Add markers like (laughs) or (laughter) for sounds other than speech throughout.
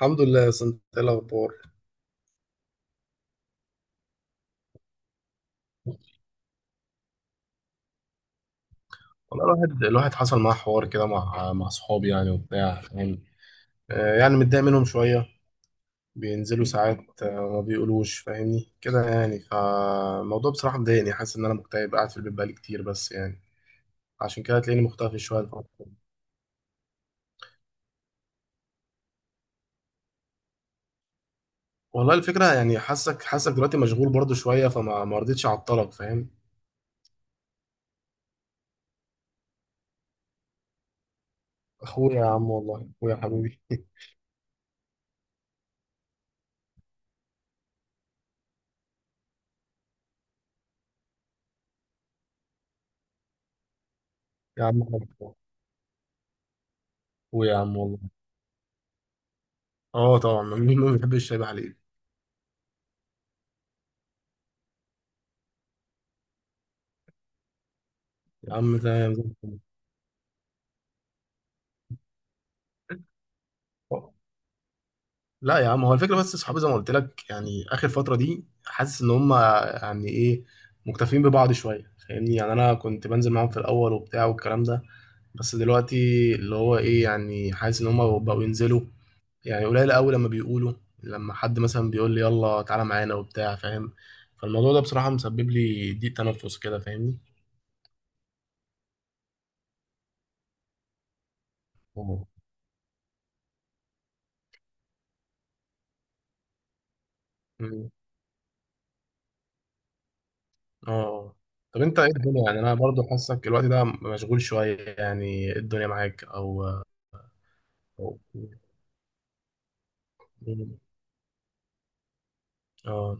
الحمد لله يا سنت، ايه الاخبار؟ والله الواحد حصل معاه حوار كده مع صحابي يعني وبتاع فاهم. يعني متضايق منهم شويه، بينزلوا ساعات. ما بيقولوش فاهمني كده يعني، فالموضوع بصراحه مضايقني، حاسس ان انا مكتئب قاعد في البيت بقالي كتير، بس يعني عشان كده هتلاقيني مختفي شويه الفترة دي. والله الفكره يعني حاسك دلوقتي مشغول برضو شويه، فما ما رضيتش اعطلك فاهم. اخويا يا عم والله، اخويا حبيبي. (laughs) يا عم حبيبي. اخويا يا عم والله. اه طبعا، مين ما بيحبش الشاي بحليب. يا عم تمام زي الفل. لا يا عم، هو الفكره بس صحابي زي ما قلت لك يعني، اخر فتره دي حاسس ان هم، يعني ايه، مكتفين ببعض شويه فاهمني. يعني انا كنت بنزل معاهم في الاول وبتاع والكلام ده، بس دلوقتي اللي هو ايه، يعني حاسس ان هم بقوا ينزلوا يعني قليل قوي لما بيقولوا، لما حد مثلا بيقول لي يلا تعالى معانا وبتاع فاهم. فالموضوع ده بصراحه مسبب لي ضيق تنفس كده فاهمني. مم. مم. اه. طب انت ايه الدنيا، يعني انا برضو حاسك الوقت ده مشغول شويه، يعني إيه الدنيا معاك، او؟ أو. مم. اه.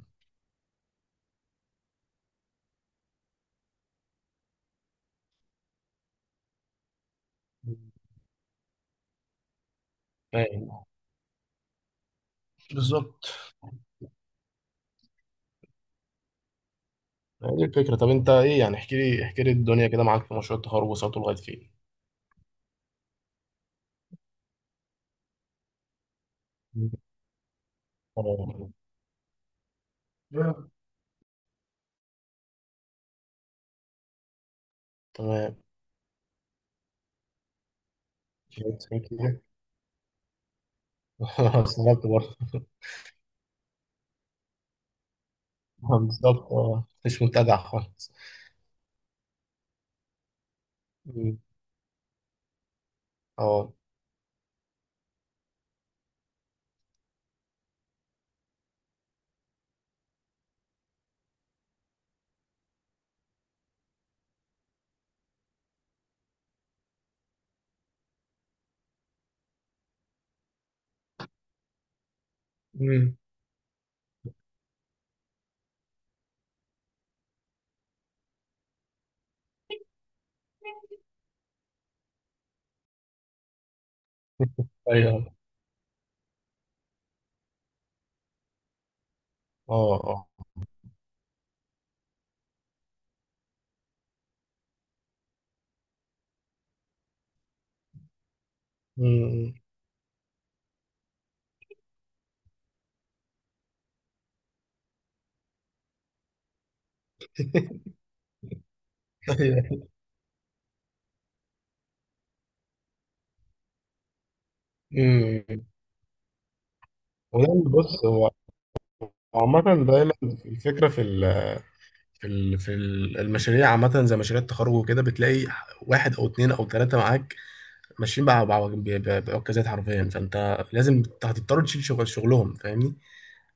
فاهم. بالظبط. هي دي الفكرة، طب انت ايه يعني، احكي لي احكي لي الدنيا كده معاك في مشروع التخرج، وصلت لغاية فين؟ مم. اه. تمام، جبت فيه كده. (laughs) اشتغلت برضه. (laughs) بالظبط، اه مش متابع خالص. مم. اه. مم. ايوه. اه. اه. مم. (laughs) ايوه. مم. ودايما بص هو، عامة دايما الفكرة في المشاريع عامة، زي مشاريع التخرج وكده، بتلاقي واحد أو اتنين أو تلاتة معاك ماشيين بعكازات حرفيا، فأنت لازم هتضطر تشيل شغلهم، فاهمني؟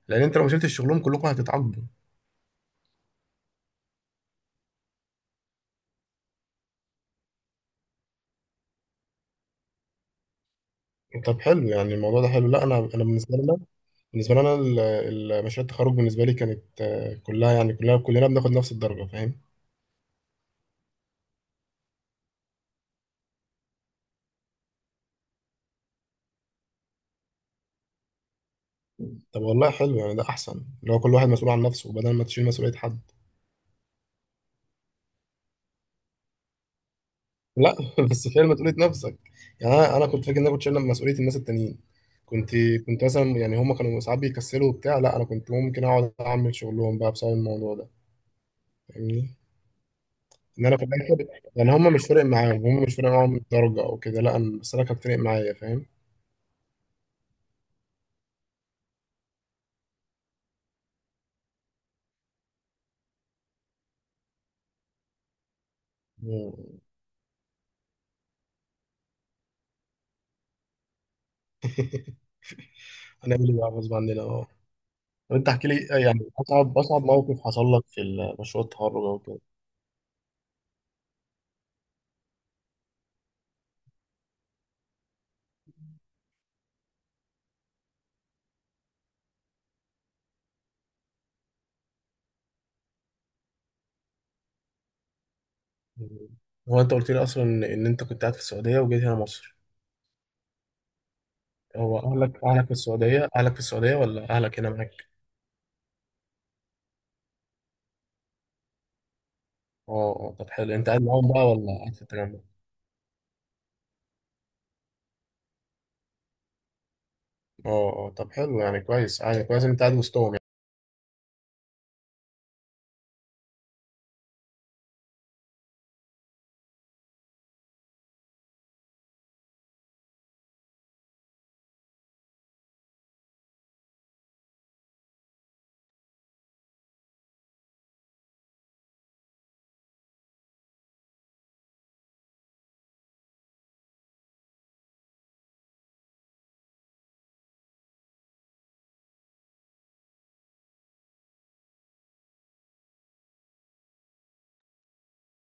لأن أنت لو ما شلتش شغلهم كلكم هتتعاقبوا. طب حلو، يعني الموضوع ده حلو. لا أنا بالنسبة لنا، مشاريع التخرج بالنسبة لي كانت، كلها يعني، كلنا بناخد نفس الدرجة، فاهم؟ طب والله حلو يعني، ده أحسن اللي هو كل واحد مسؤول عن نفسه بدل ما تشيل مسؤولية حد. لا. (laughs) بس فعلا مسؤوليه نفسك. يعني انا كنت فاكر ان انا كنت شايل مسؤوليه الناس التانيين. كنت كنت مثلا، يعني هم كانوا ساعات بيكسلوا وبتاع، لا انا كنت ممكن اقعد اعمل شغلهم بقى بسبب الموضوع ده فاهمني، ان انا في الاخر. يعني هم مش فارق معاهم الدرجه او كده، لا انا، بس انا كانت فارق معايا فاهم. مم. هنعمل ايه بقى غصب عننا. اه. طب انت احكي لي، يعني اصعب موقف حصل لك في مشروع التخرج او كده. مم. هو انت قلت لي اصلا إن انت كنت قاعد في السعوديه وجيت هنا مصر. هو أهلك في السعودية، ولا أهلك هنا معاك؟ اه اه، طب حلو، أنت قاعد معاهم بقى ولا قاعد في التجمع؟ اه اه، طب حلو، يعني كويس، يعني كويس إن أنت قاعد وسطهم يعني.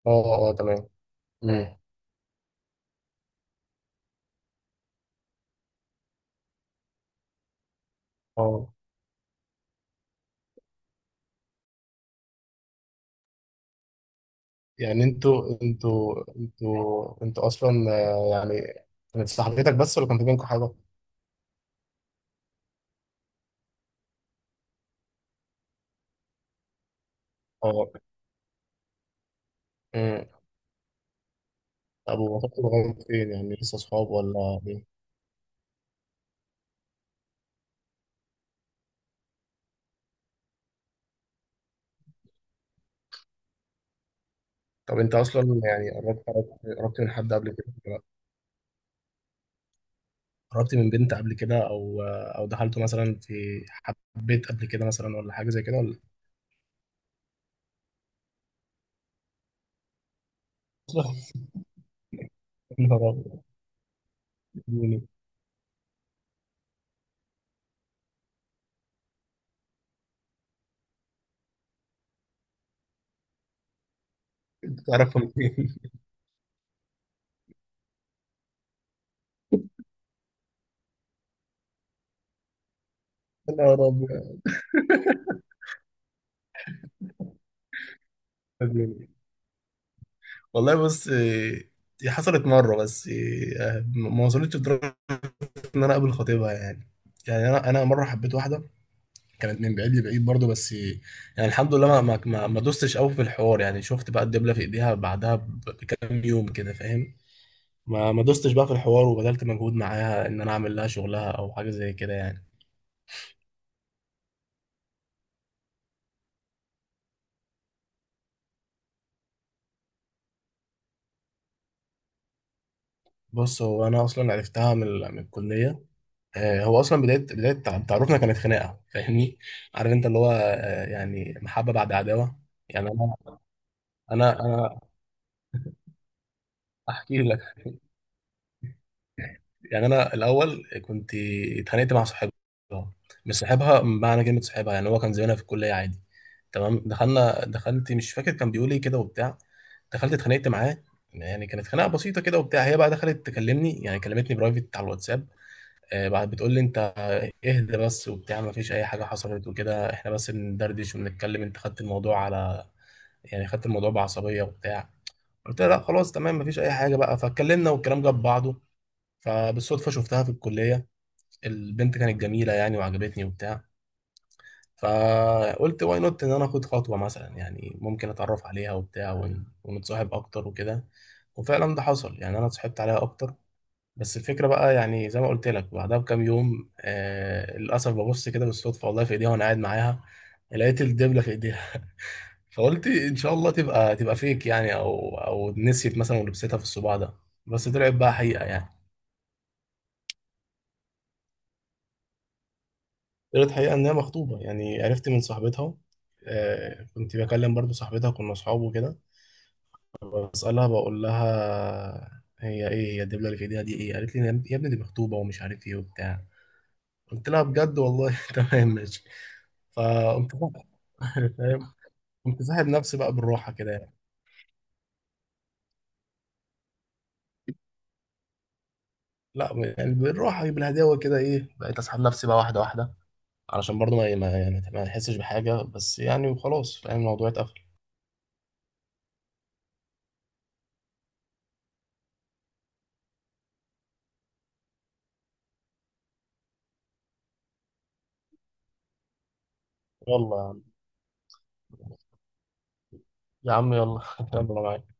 اه اه تمام. امم اه، يعني أنتوا أصلا، يعني كانت صاحبتك بس، ولا كان في بينكم حاجة؟ اه. امم طب وقفتوا لغاية فين، يعني لسه أصحاب ولا إيه؟ طب أنت أصلا يعني قربت من حد قبل كده؟ قربت من بنت قبل كده، او دخلت مثلا في، حبيت قبل كده مثلا، ولا حاجه زي كده ولا. (laughs) يا نهار أبيض. ادمني. تعرفوا منين. (laughs) يا نهار أبيض. ادمني. والله بص إيه، دي حصلت مره بس إيه، ما وصلتش لدرجه ان انا اقابل خطيبها يعني. يعني انا مره حبيت واحده، كانت من بعيد لبعيد برضه بس إيه، يعني الحمد لله ما دوستش قوي في الحوار، يعني شفت بقى الدبله في ايديها بعدها بكام يوم كده فاهم. ما دوستش بقى في الحوار، وبذلت مجهود معاها ان انا اعمل لها شغلها او حاجه زي كده يعني. بص هو انا اصلا عرفتها من من الكليه. هو اصلا بدايه بدايه تعرفنا كانت خناقه فاهمني، عارف انت اللي هو، يعني محبه بعد عداوه. يعني انا احكي لك. يعني انا الاول كنت اتخانقت مع صاحبها، مش صاحبها بمعنى كلمه صاحبها، يعني هو كان زميلها في الكليه عادي. تمام. دخلت مش فاكر كان بيقول ايه كده وبتاع، دخلت اتخانقت معاه، يعني كانت خناقه بسيطه كده وبتاع. هي بقى دخلت تكلمني، يعني كلمتني برايفت على الواتساب، بعد بتقول لي انت اهدى بس وبتاع، ما فيش اي حاجه حصلت وكده، احنا بس بندردش وبنتكلم. انت خدت الموضوع على، يعني خدت الموضوع بعصبيه وبتاع. قلت لها لا خلاص تمام، ما فيش اي حاجه بقى، فاتكلمنا والكلام جاب بعضه. فبالصدفه شفتها في الكليه، البنت كانت جميلة يعني وعجبتني وبتاع. فقلت واي نوت ان انا اخد خطوة مثلا، يعني ممكن اتعرف عليها وبتاع ونتصاحب اكتر وكده، وفعلا ده حصل، يعني انا اتصاحبت عليها اكتر. بس الفكرة بقى يعني زي ما قلت لك، بعدها بكام يوم للأسف ببص كده بالصدفة والله في ايديها، وانا قاعد معاها، لقيت الدبلة في ايديها. (laughs) فقلت ان شاء الله تبقى فيك، يعني او نسيت مثلا ولبستها في الصباع ده، بس طلعت بقى حقيقة يعني. طلعت الحقيقة إنها مخطوبة، يعني عرفت من صاحبتها. كنت بكلم برضو صاحبتها، كنا صحاب وكده، بسألها بقول لها هي إيه، هي الدبلة اللي في إيديها دي إيه، قالت لي يا ابني دي مخطوبة ومش عارف إيه وبتاع. قلت لها بجد والله. (laughs) تمام ماشي. فقمت. (laughs) فاهم. قمت ساحب نفسي بقى بالراحة كده يعني. لا يعني بالراحة بالهداوة كده إيه، بقيت أسحب نفسي بقى واحدة واحدة، علشان برضو ما ما يعني ما أحسش بحاجة بس يعني، وخلاص يعني الموضوع اتقفل. يلا، يا عم يا عم يلا. (laughs) يلا معاك.